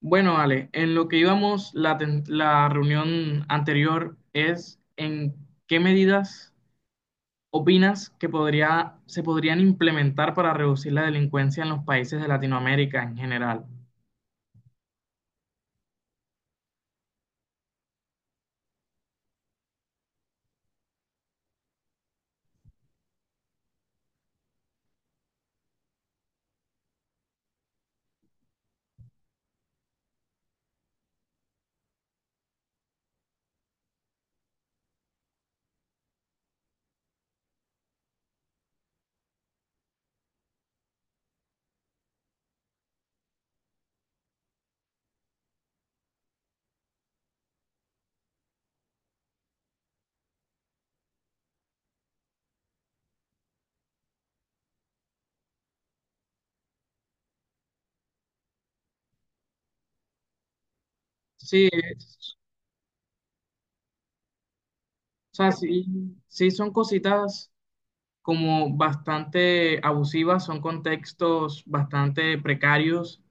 Bueno, Ale, en lo que íbamos la reunión anterior es en qué medidas opinas que se podrían implementar para reducir la delincuencia en los países de Latinoamérica en general. Sí, es- o sea, sí son cositas como bastante abusivas, son contextos bastante precarios,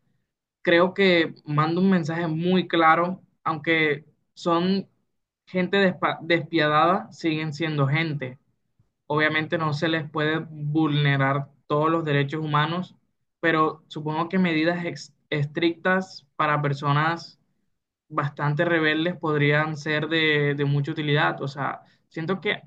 creo que manda un mensaje muy claro, aunque son gente despiadada, siguen siendo gente. Obviamente no se les puede vulnerar todos los derechos humanos, pero supongo que medidas estrictas para personas bastante rebeldes podrían ser de mucha utilidad. O sea, siento que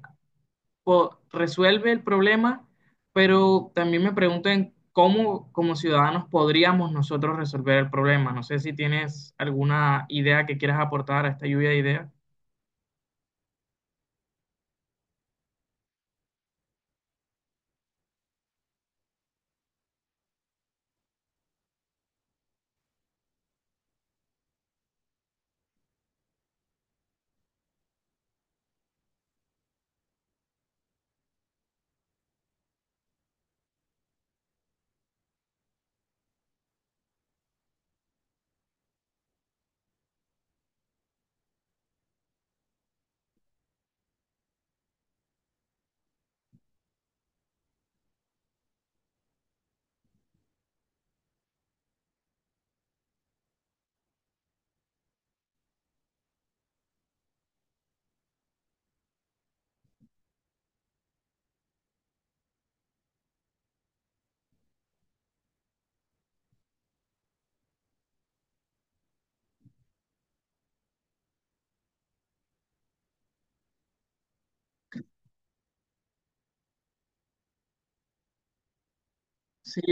resuelve el problema, pero también me pregunto en cómo como ciudadanos podríamos nosotros resolver el problema. No sé si tienes alguna idea que quieras aportar a esta lluvia de ideas. Sí,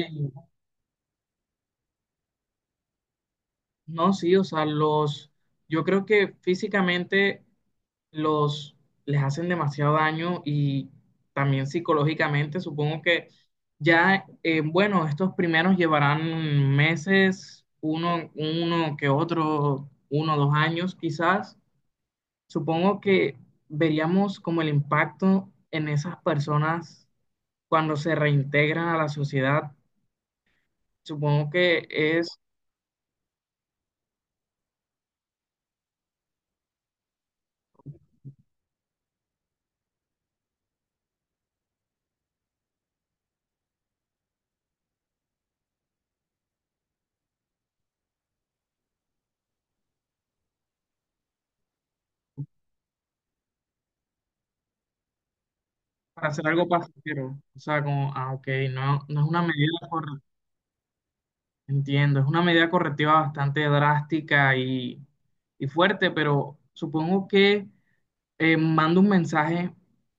no, sí, o sea, yo creo que físicamente los les hacen demasiado daño y también psicológicamente, supongo que ya, bueno, estos primeros llevarán meses, uno que otro, uno, dos años quizás. Supongo que veríamos como el impacto en esas personas cuando se reintegran a la sociedad. Supongo que es para hacer algo pasajero. O sea, como, ah, ok, no, no es una entiendo, es una medida correctiva bastante drástica y fuerte, pero supongo que manda un mensaje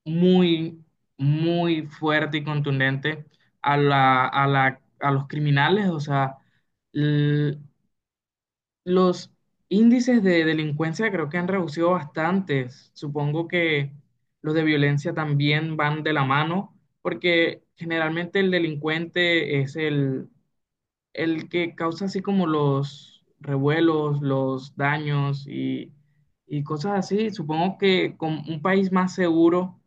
muy, muy fuerte y contundente a a los criminales, o sea, los índices de delincuencia creo que han reducido bastante. Supongo que los de violencia también van de la mano, porque generalmente el delincuente el que causa así como los revuelos, los daños y cosas así. Supongo que con un país más seguro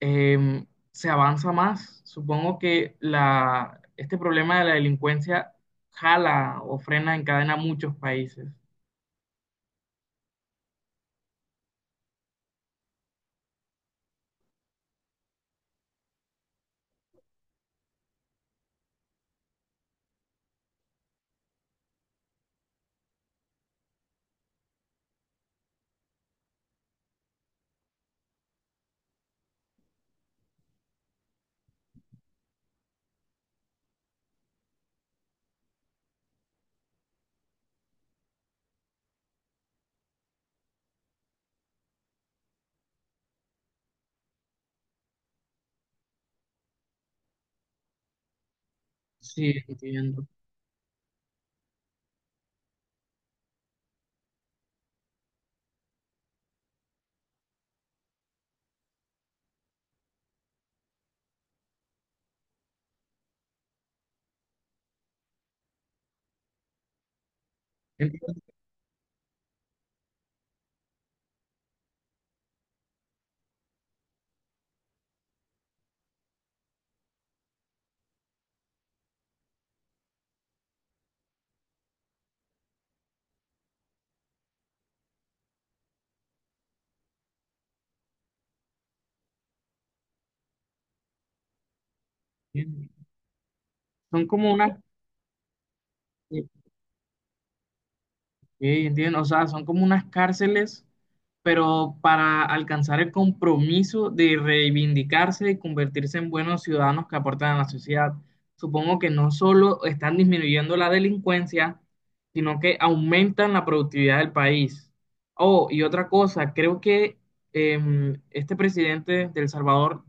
se avanza más. Supongo que este problema de la delincuencia jala o frena en cadena muchos países. Sí, entiendo. Entiendo, entiendo. Son como unas, eh, ok, entiendo, o sea, son como unas cárceles, pero para alcanzar el compromiso de reivindicarse y convertirse en buenos ciudadanos que aportan a la sociedad. Supongo que no solo están disminuyendo la delincuencia, sino que aumentan la productividad del país. Oh, y otra cosa, creo que este presidente de El Salvador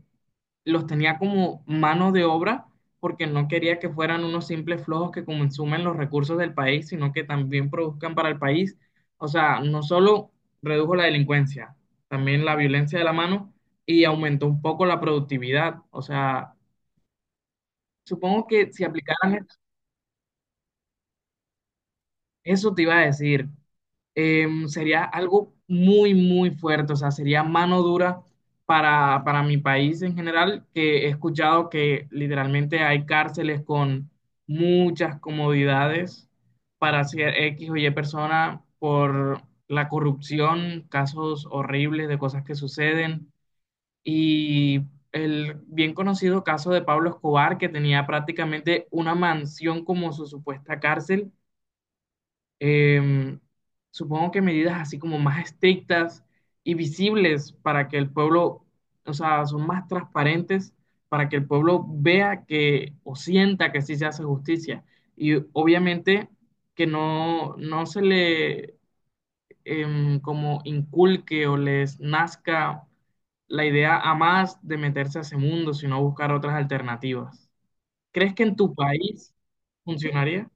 los tenía como mano de obra porque no quería que fueran unos simples flojos que consumen los recursos del país, sino que también produzcan para el país. O sea, no solo redujo la delincuencia, también la violencia de la mano y aumentó un poco la productividad. O sea, supongo que si aplicaran eso te iba a decir, sería algo muy, muy fuerte, o sea, sería mano dura para mi país en general, que he escuchado que literalmente hay cárceles con muchas comodidades para hacer X o Y persona por la corrupción, casos horribles de cosas que suceden y el bien conocido caso de Pablo Escobar, que tenía prácticamente una mansión como su supuesta cárcel. em, Supongo que medidas así como más estrictas y visibles para que el pueblo, o sea, son más transparentes para que el pueblo vea que o sienta que sí se hace justicia. Y obviamente que no, no se le como inculque o les nazca la idea a más de meterse a ese mundo, sino buscar otras alternativas. ¿Crees que en tu país funcionaría?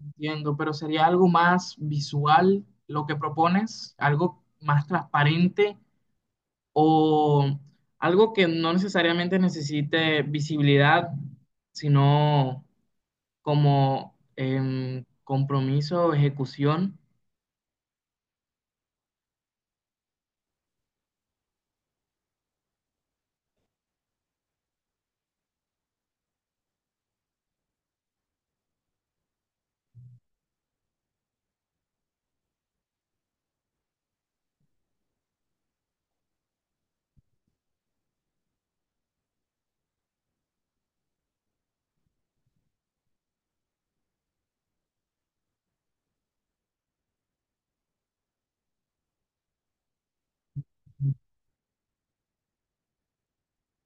Entiendo, pero sería algo más visual lo que propones, algo más transparente o algo que no necesariamente necesite visibilidad, sino como compromiso o ejecución.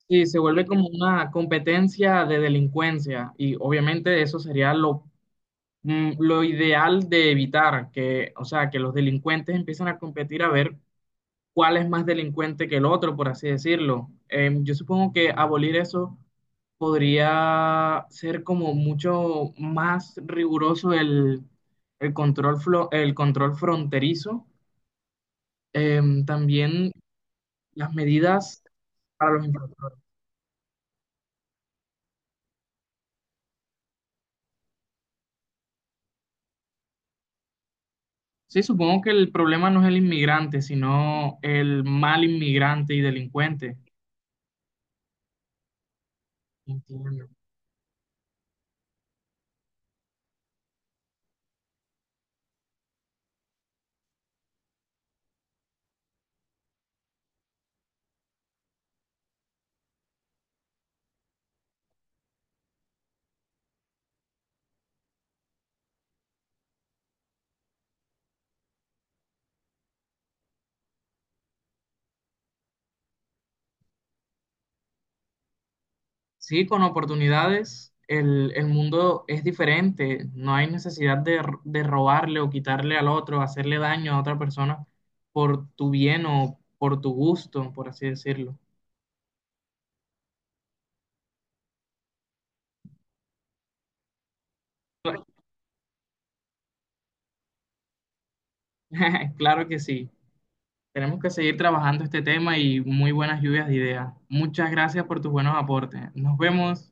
Sí, se vuelve como una competencia de delincuencia y obviamente eso sería lo, mm, lo ideal de evitar, que, o sea, que los delincuentes empiecen a competir a ver cuál es más delincuente que el otro, por así decirlo. Yo supongo que abolir eso podría ser como mucho más riguroso el control, el control fronterizo. También las medidas para los inmigrantes. Sí, supongo que el problema no es el inmigrante, sino el mal inmigrante y delincuente. Entiendo. Sí, con oportunidades el mundo es diferente, no hay necesidad de, de robarle o quitarle al otro, hacerle daño a otra persona por tu bien o por tu gusto, por así decirlo. Claro, claro que sí, tenemos que seguir trabajando este tema y muy buenas lluvias de ideas. Muchas gracias por tus buenos aportes. Nos vemos.